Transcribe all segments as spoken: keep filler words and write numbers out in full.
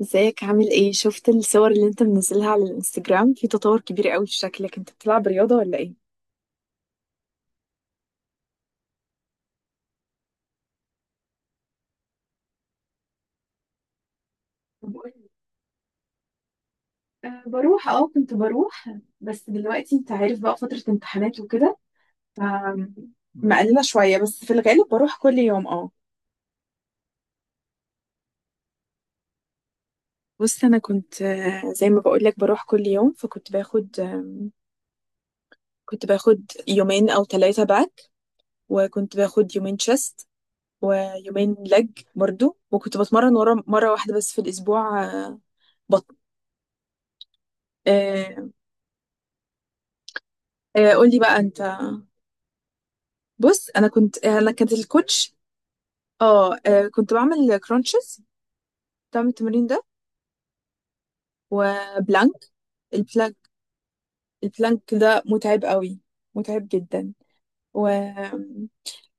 ازيك؟ عامل ايه؟ شفت الصور اللي انت منزلها على الانستجرام، في تطور كبير قوي في شكلك. انت بتلعب رياضة ولا ايه؟ بقول- آه، بروح اه كنت بروح. بس دلوقتي انت عارف بقى، فترة امتحانات وكده. ف مقللة شوية، بس في الغالب بروح كل يوم. اه. بص، انا كنت، آه، زي ما بقولك بروح كل يوم، فكنت باخد، آم، كنت باخد يومين او ثلاثة باك، وكنت باخد يومين تشيست، ويومين لج برضو. وكنت بتمرن ورا مرة واحدة بس في الاسبوع، آه، بطن. آه، قولي بقى انت. بص، انا كنت، آه، انا كانت الكوتش. اه، آه، كنت بعمل كرانشز. بتعمل التمرين ده. وبلانك. البلانك البلانك ده متعب قوي، متعب جدا. و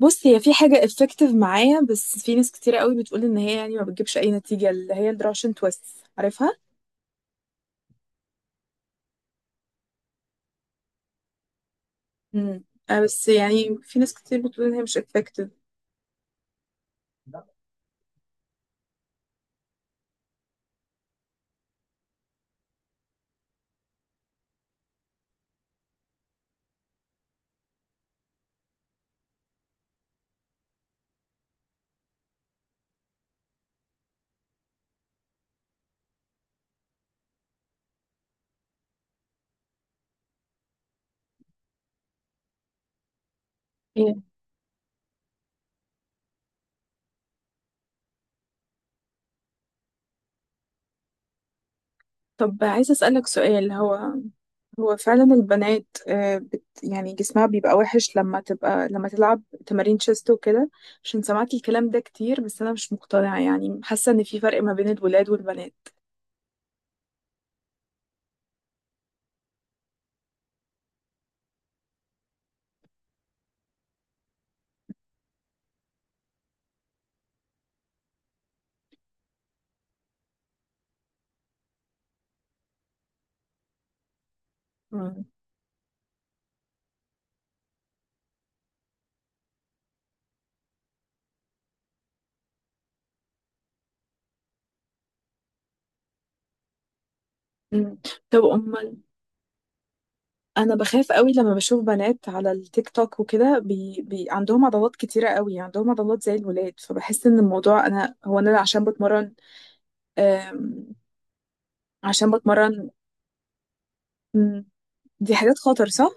بص، هي في حاجة effective معايا، بس في ناس كتير قوي بتقول ان هي يعني ما بتجيبش اي نتيجة، اللي هي الدراشن تويست، عارفها؟ امم. آه، بس يعني في ناس كتير بتقول ان هي مش effective. طب عايزة أسألك سؤال. هو هو فعلا البنات، آه، بت يعني جسمها بيبقى وحش لما تبقى لما تلعب تمارين شيست وكده؟ عشان سمعت الكلام ده كتير، بس أنا مش مقتنعة يعني، حاسة إن في فرق ما بين الولاد والبنات. مم. مم. طب أمال؟ أنا بخاف قوي لما بشوف بنات على التيك توك وكده، بي... بي... عندهم عضلات كتيرة قوي، عندهم عضلات زي الولاد، فبحس إن الموضوع أنا، هو أنا عشان بتمرن. آم، عشان بتمرن. مم، دي حاجات خطر، صح؟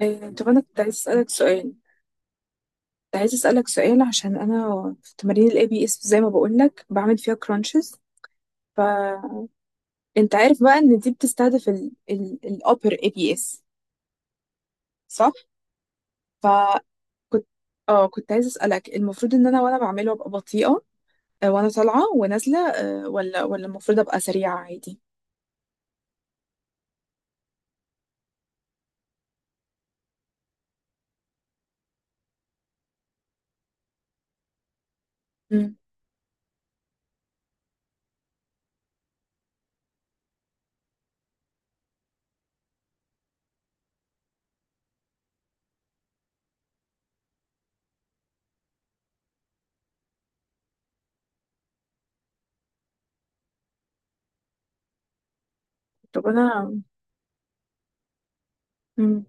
إيه، طب انا كنت عايز اسالك سؤال كنت عايز اسالك سؤال عشان انا في تمارين الاي بي اس، زي ما بقول لك بعمل فيها كرانشز. فانت عارف بقى ان دي بتستهدف الابر اي بي اس، صح؟ فكنت اه كنت عايز اسالك، المفروض ان انا وانا بعمله ابقى بطيئه، آه، وانا طالعه ونازله، آه، ولا ولا المفروض ابقى سريعه عادي؟ مم. طب انا مم.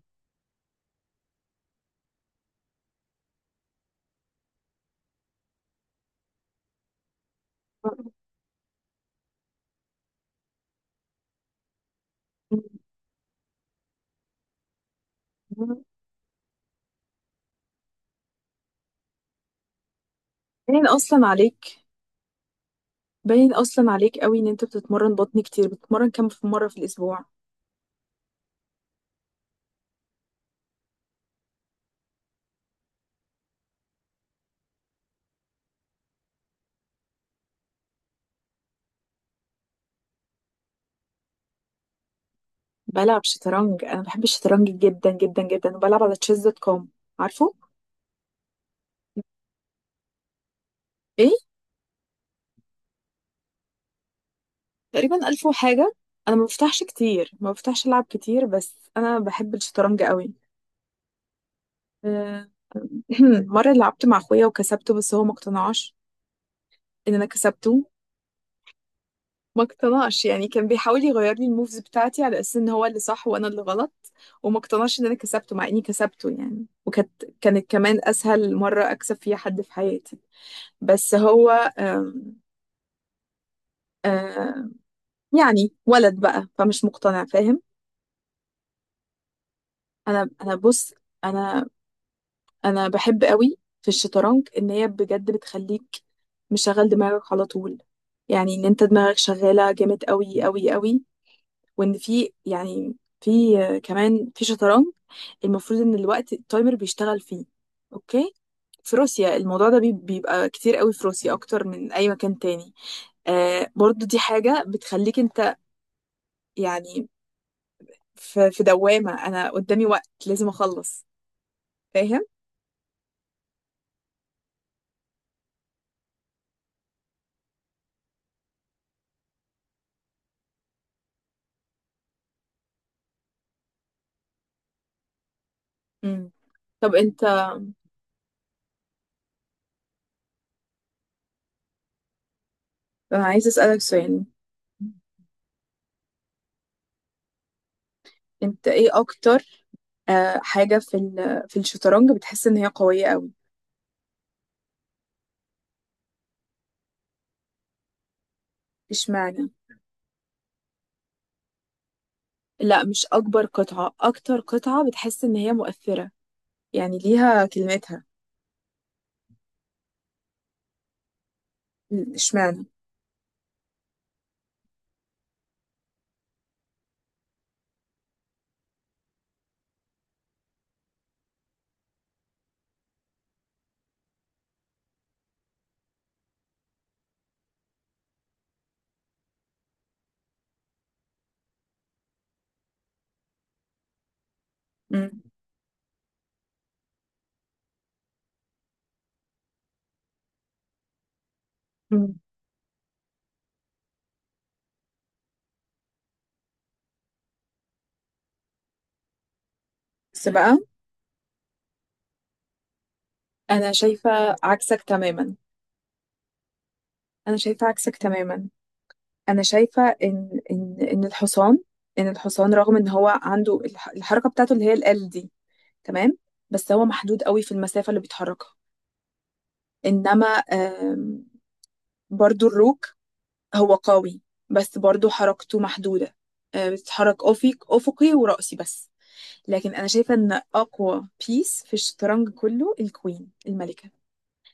باين اصلا عليك باين اصلا عليك قوي ان انت بتتمرن بطن كتير. بتتمرن كام في مره في الاسبوع؟ بلعب شطرنج. انا بحب الشطرنج جدا جدا جدا، وبلعب على تشيز دوت كوم. عارفه. ايه؟ تقريبا الف وحاجه. انا ما بفتحش كتير ما بفتحش العب كتير، بس انا بحب الشطرنج قوي. آه، مره لعبت مع اخويا وكسبته، بس هو ما اقتنعش ان انا كسبته. ما اقتنعش يعني، كان بيحاول يغير لي الموفز بتاعتي على اساس ان هو اللي صح وانا اللي غلط. وما اقتنعش ان انا كسبته مع اني كسبته يعني. وكانت كانت كمان اسهل مره اكسب فيها حد في حياتي. بس هو، آم، آه، يعني ولد بقى، فمش مقتنع، فاهم؟ انا انا بص، انا انا بحب قوي في الشطرنج، ان هي بجد بتخليك مشغل دماغك على طول يعني، ان انت دماغك شغاله جامد قوي قوي قوي. وان في يعني، في آه، كمان في شطرنج، المفروض ان الوقت التايمر بيشتغل فيه. اوكي. في روسيا الموضوع ده بي- بيبقى كتير قوي في روسيا، اكتر من اي مكان تاني. آه برضو دي حاجه بتخليك انت يعني، في في دوامة، أنا قدامي وقت لازم أخلص، فاهم؟ امم. طب أنت أنا عايز أسألك سؤال. أنت إيه أكتر، آه، حاجة في ال- في الشطرنج بتحس إن هي قوية أوي؟ إشمعنى؟ لا، مش أكبر قطعة، أكتر قطعة بتحس إن هي مؤثرة، يعني ليها كلمتها. م، إشمعنى؟ مم. امم. بس بقى، أنا شايفة عكسك تماما. أنا شايفة عكسك تماما. انا شايفه ان ان ان الحصان، ان الحصان رغم ان هو عنده الح- الحركه بتاعته اللي هي ال دي. تمام، بس هو محدود قوي في المسافه اللي بيتحركها. انما، آم، برضو الروك، هو قوي، بس برضو حركته محدوده. آه، بتتحرك افق افقي وراسي بس. لكن انا شايفه ان اقوى بيس في الشطرنج كله الكوين، الملكه.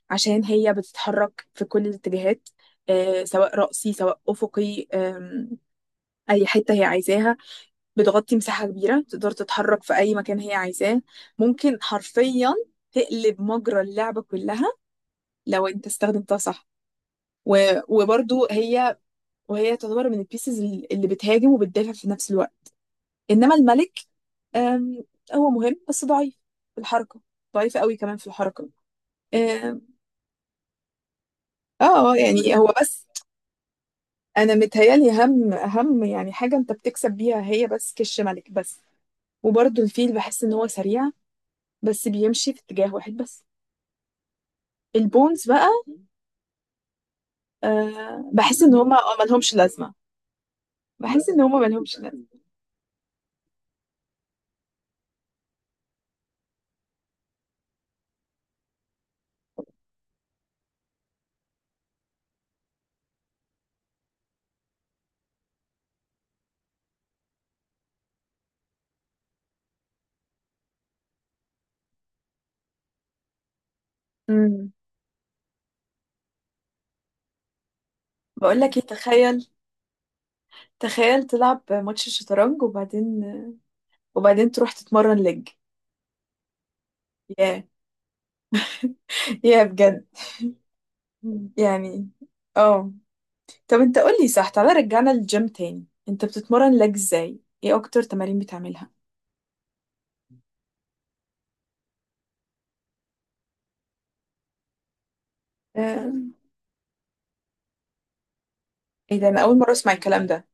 عشان هي بتتحرك في كل الاتجاهات، آه، سواء رأسي سواء أفقي، آم، أي حتة هي عايزاها. بتغطي مساحة كبيرة، تقدر تتحرك في أي مكان هي عايزاه. ممكن حرفيا تقلب مجرى اللعبة كلها لو أنت استخدمتها صح. و... وبرضو هي وهي تعتبر من البيسز اللي بتهاجم وبتدافع في نفس الوقت. إنما الملك، آم، هو مهم بس ضعيف في الحركة، ضعيف قوي كمان في الحركة. آم، اه يعني هو بس. أنا متهيألي أهم أهم يعني حاجة أنت بتكسب بيها هي بس كش ملك بس. وبرضو الفيل بحس إن هو سريع، بس بيمشي في اتجاه واحد بس. البونز بقى، أه بحس ان هما، آه، ملهمش لازمه. بحس ان هما ملهمش لازمه. امم. بقول لك ايه، تخيل تخيل، تلعب ماتش الشطرنج وبعدين وبعدين تروح تتمرن لج. يا، يا بجد. مم. يعني اه. طب انت قول لي، صح، تعالى رجعنا للجيم تاني، انت بتتمرن لج ازاي؟ ايه اكتر تمارين بتعملها؟ آه، ايه ده؟ انا اول مره اسمع الكلام ده.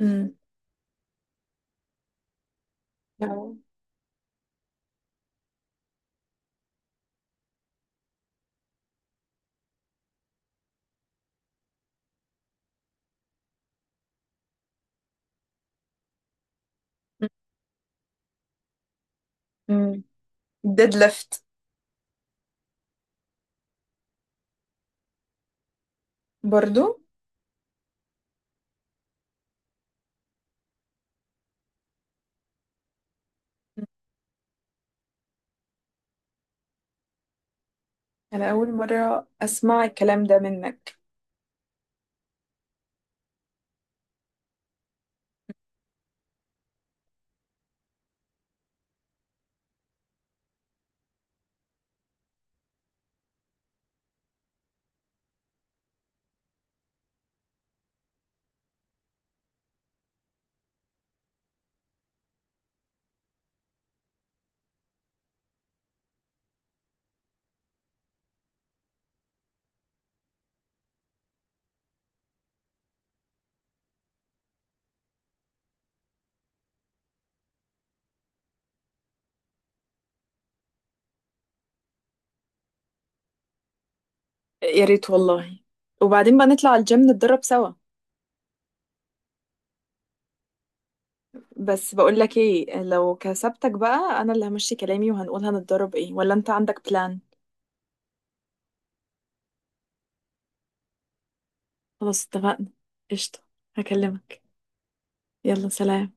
امم. ديد ليفت. برضو انا اول مره اسمع الكلام ده منك. يا ريت والله. وبعدين بقى نطلع الجيم نتدرب سوا. بس بقول لك ايه، لو كسبتك بقى انا اللي همشي كلامي وهنقول هنتدرب ايه، ولا انت عندك بلان؟ خلاص اتفقنا. قشطة. هكلمك. يلا سلام.